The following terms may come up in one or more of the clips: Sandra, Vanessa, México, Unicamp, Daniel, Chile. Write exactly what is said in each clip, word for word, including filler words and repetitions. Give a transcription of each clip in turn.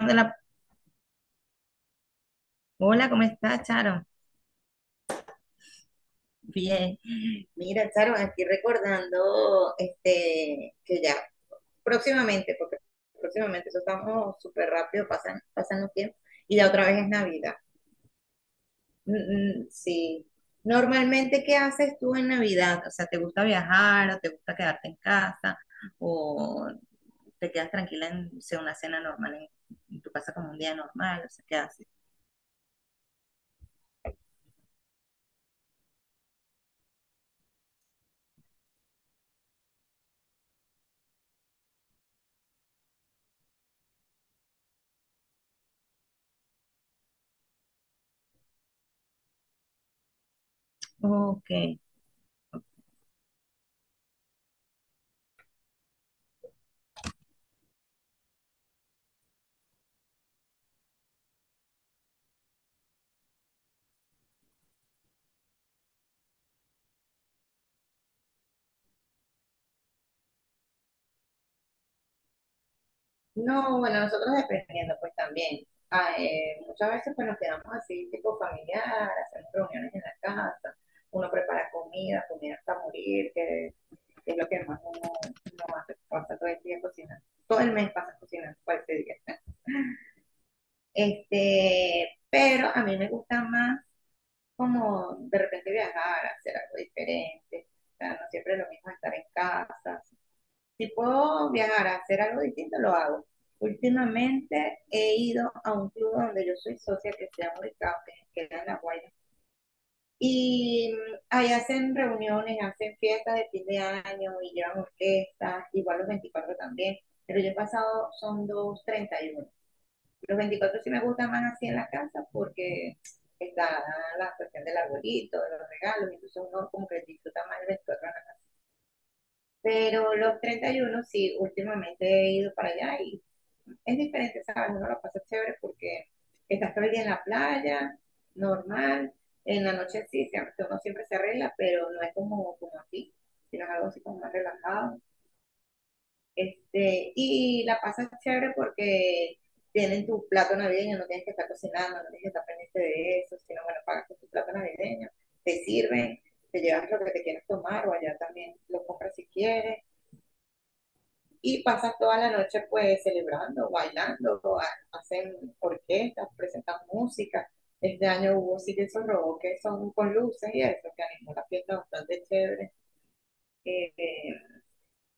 La- Hola, ¿cómo estás, Charo? Bien. Mira, Charo, aquí recordando este que ya próximamente, porque próximamente eso estamos súper rápido, pasan, pasan los tiempos, y ya otra vez es Navidad. Mm, mm, sí. Normalmente, ¿qué haces tú en Navidad? O sea, ¿te gusta viajar o te gusta quedarte en casa o te quedas tranquila en, o sea, una cena normal en, en tu casa como un día normal? O sea, ¿qué haces? Ok. No, bueno, nosotros dependiendo, pues también. Ah, eh, muchas veces pues nos quedamos así, tipo familiar, hacemos reuniones en la casa, uno prepara comida, comida hasta morir, que es lo que más uno, uno hace, pasa todo el día cocinando. Todo el mes pasa cocinando, cualquier día. Este, pero a mí me gusta más como de repente viajar, hacer algo diferente. O sea, no siempre es lo mismo estar en casa. Si puedo viajar a hacer algo distinto, lo hago. Últimamente he ido a un club donde yo soy socia que se llama Unicamp, que queda en La Guaira. Y mm, ahí hacen reuniones, hacen fiestas de fin de año y llevan orquestas, igual los veinticuatro también. Pero yo he pasado, son dos treinta y uno. Los veinticuatro sí me gustan más así en la casa porque está la cuestión del arbolito, de los regalos, incluso uno como que disfruta más el veinticuatro en la casa. Pero los treinta y uno sí, últimamente he ido para allá y es diferente, ¿sabes? Uno lo pasa chévere porque estás todo el día en la playa, normal, en la noche sí, siempre- uno siempre se arregla, pero no es como, como aquí, sino es algo así como más relajado. Este, y la pasas chévere porque tienen tu plato navideño, no tienes que estar cocinando, no tienes que estar pendiente de eso, sino bueno, pagas con tu plato navideño, te sirven, te llevas lo que te quieras tomar o allá también lo compras si quieres y pasan toda la noche pues celebrando, bailando, hacen orquestas, presentan música. Este año hubo sí que esos robos que son con luces y eso, que animó la fiesta bastante chévere. Eh, eh,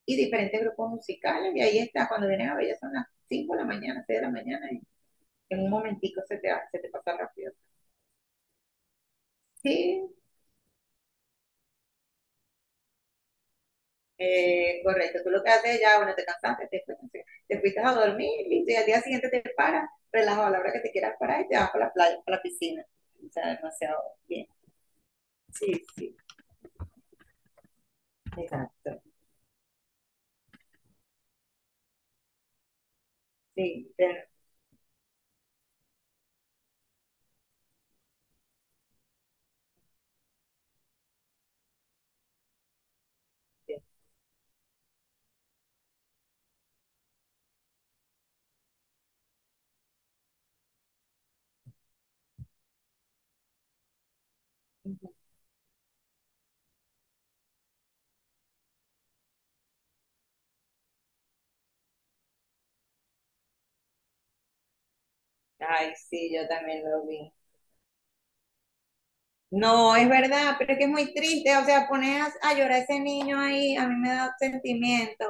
y diferentes grupos musicales, y ahí está, cuando vienen a ver ya son las cinco de la mañana, seis de la mañana, y en un momentico se te, se te pasa rápido. Sí, eh, correcto, tú lo que haces ya, bueno, te cansaste, te fuiste, te fuiste a dormir listo, y al día siguiente te paras, relajado a la hora que te quieras parar y te vas para la playa, para la piscina. O sea, demasiado bien. Sí, sí, exacto. Sí, pero, sí. Ujú. Ay, sí, yo también lo vi. No, es verdad, pero es que es muy triste, o sea, pones a llorar a ese niño ahí, a mí me da sentimiento.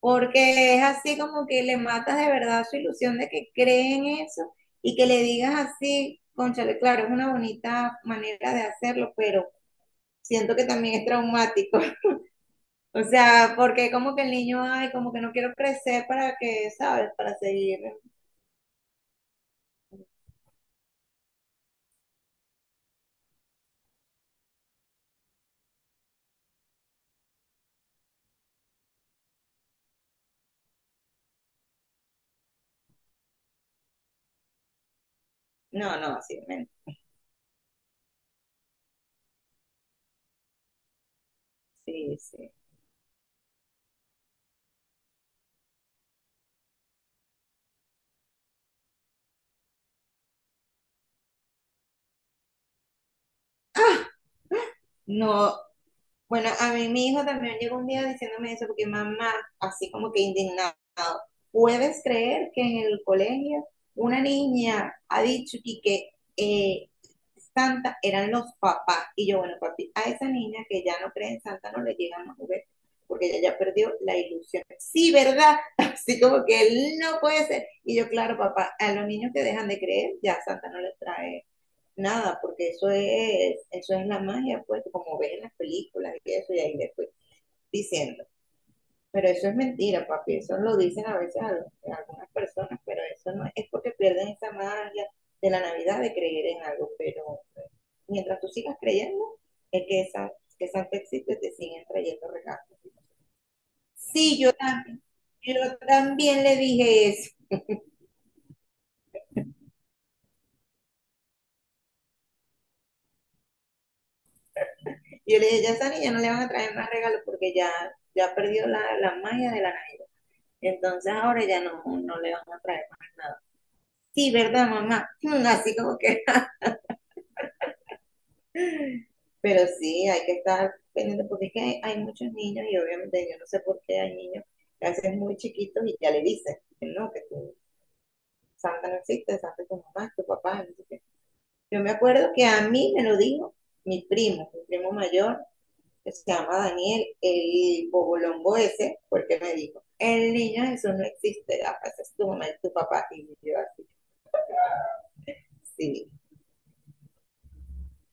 Porque es así como que le matas de verdad su ilusión de que cree en eso y que le digas así, cónchale, claro, es una bonita manera de hacerlo, pero siento que también es traumático. O sea, porque como que el niño, ay, como que no quiero crecer para que, ¿sabes? Para seguir. No, no, sí, men- sí, sí. No, bueno, a mí mi hijo también llegó un día diciéndome eso, porque mamá, así como que indignado, ¿puedes creer que en el colegio una niña ha dicho y que eh, Santa eran los papás? Y yo, bueno, papi, a esa niña que ya no cree en Santa no le llegan los juguetes, porque ella ya perdió la ilusión. Sí, ¿verdad? Así como que no puede ser. Y yo, claro, papá, a los niños que dejan de creer, ya Santa no les trae nada, porque eso es, eso es la magia, pues, como ves en las películas y eso, y ahí después diciendo. Pero eso es mentira, papi, eso lo dicen a veces a, a algunas personas, pero eso no es porque pierden esa magia de la Navidad de creer en algo, pero eh, mientras tú sigas creyendo, es que esa que Santa existe, te siguen trayendo regalos. Sí, yo también, yo también le dije eso. Yo le dije, ya esa niña no le van a traer más regalos porque ya, ya perdió la, la magia de la Navidad. Entonces ahora ya no, no le van a traer más nada. Sí, ¿verdad, mamá? Mm, Así como que, pero sí, hay que estar pendiente porque es que hay, hay muchos niños y obviamente yo no sé por qué hay niños que a veces muy chiquitos y ya le dicen, que no, que tú, Santa no existe, Santa es tu mamá, tu papá, no sé qué. Yo me acuerdo que a mí me lo dijo mi primo, mi primo mayor, que se llama Daniel, el bobolombo ese, porque me dijo, el niño Jesús no existe, Rafa, ese es tu mamá y tu papá. Y yo así, sí,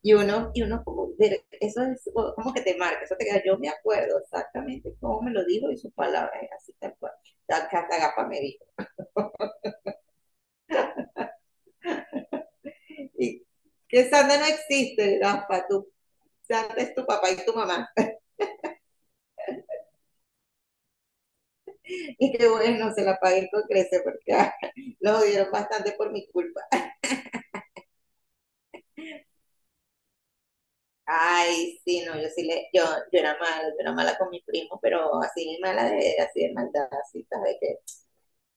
y uno, y uno como, ver, eso es como que te marca, eso te queda, yo me acuerdo exactamente cómo me lo dijo y sus palabras, así tal cual, tal hasta Gapa me dijo. Y que Sandra no existe, Gapa, tú, Sandra es tu papá y tu mamá. Y que bueno, se la pagué con crece porque ah, lo odiaron bastante por mi culpa. Ay, sí, no, yo sí le, yo, yo era mala, yo era mala con mi primo, pero así mala de, así de maldad, así, ¿sabes? Que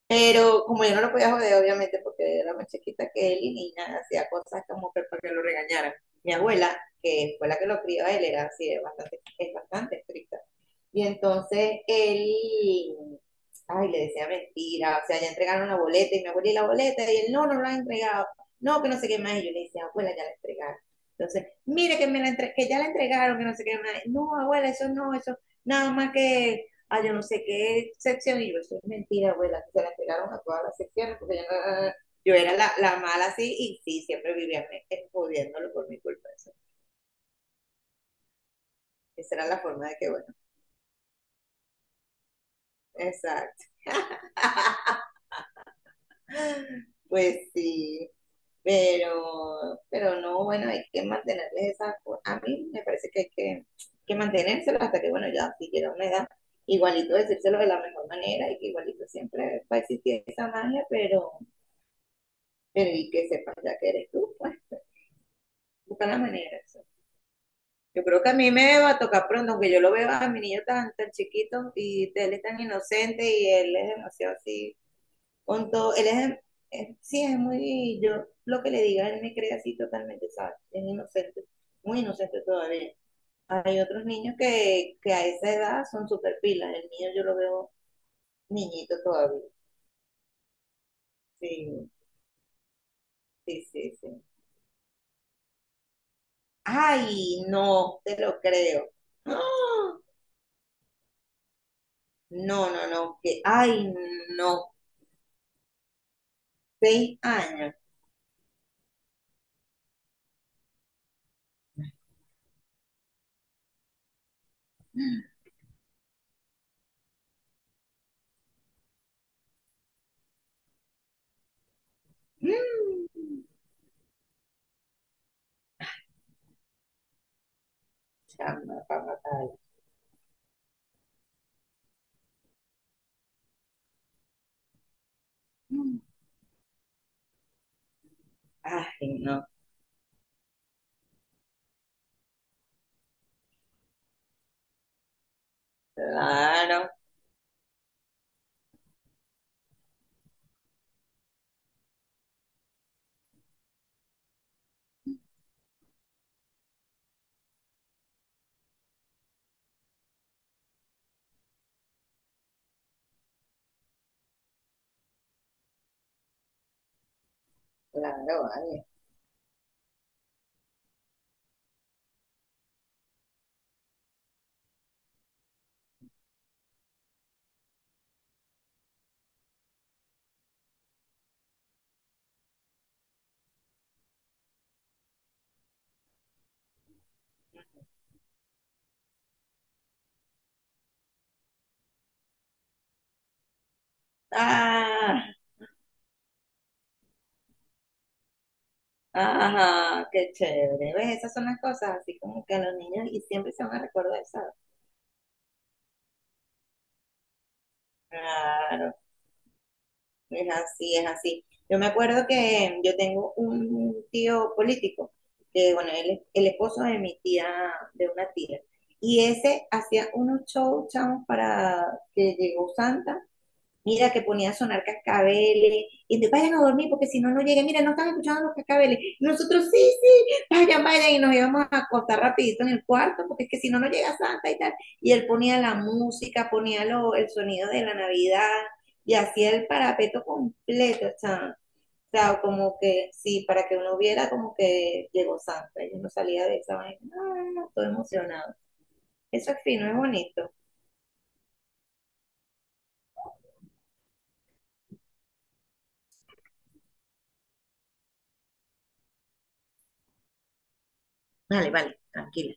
pero como yo no lo podía joder, obviamente, porque era más chiquita que él y ni nada, hacía cosas como que para que lo regañaran. Mi abuela, que fue la que lo crió a él, era así, es bastante, es bastante estricta. Y entonces él, ay, le decía mentira, o sea, ya entregaron la boleta y mi abuela y la boleta, y él, no, no la han entregado, no, que no sé qué más, y yo le decía, abuela, ya la entregaron. Entonces, mire que, me la entre- que ya la entregaron, que no sé qué más, no, abuela, eso no, eso, nada más que, ah, yo no sé qué sección, y yo, eso es mentira, abuela, se la entregaron a todas las secciones, porque yo, no- yo era la, la mala así, y sí, siempre vivían jodiéndolo por mi culpa, eso. Esa era la forma de que, bueno, exacto, pues sí. Pero, pero no, bueno, hay que mantenerles esa, co- a mí me parece que hay que, que mantenérselo hasta que, bueno, ya si llega una edad, igualito decírselo de la mejor manera y que igualito siempre va a existir esa magia, pero, pero y que sepas ya que eres tú, pues, busca la manera. Eso. Yo creo que a mí me va a tocar pronto, aunque yo lo veo a mi niño tan, tan chiquito y él es tan inocente y él es demasiado así con todo, él es, es- sí, es muy, yo lo que le diga, él me cree así totalmente, ¿sabes? Es inocente, muy inocente todavía. Hay otros niños que, que a esa edad son súper pilas, el mío yo lo veo niñito todavía, sí, sí, sí, sí. Ay, no, te lo creo. ¡Ah! No, no, no, que, ay, no, seis años. Mm, Chama, para matar. Ay, no, claro, claro, vale. Ah, ajá, qué chévere. ¿Ves? Esas son las cosas, así como que a los niños y siempre se van a recordar eso. Claro, es así, es así. Yo me acuerdo que yo tengo un tío político, que bueno, él es el esposo de mi tía, de una tía, y ese hacía unos shows, chavos, para que llegó Santa. Mira que ponía a sonar cascabeles, y entonces vayan a dormir porque si no, no llegan. Mira, no están escuchando los cascabeles. Y nosotros, sí, sí, vayan, vayan, y nos íbamos a acostar rapidito en el cuarto porque es que si no, no llega Santa y tal. Y él ponía la música, ponía lo, el sonido de la Navidad y hacía el parapeto completo, o sea, o sea, como que sí, para que uno viera como que llegó Santa. Yo no salía de esa vaina, ah, todo emocionado. Eso es fino, es bonito. Vale, vale, tranquila.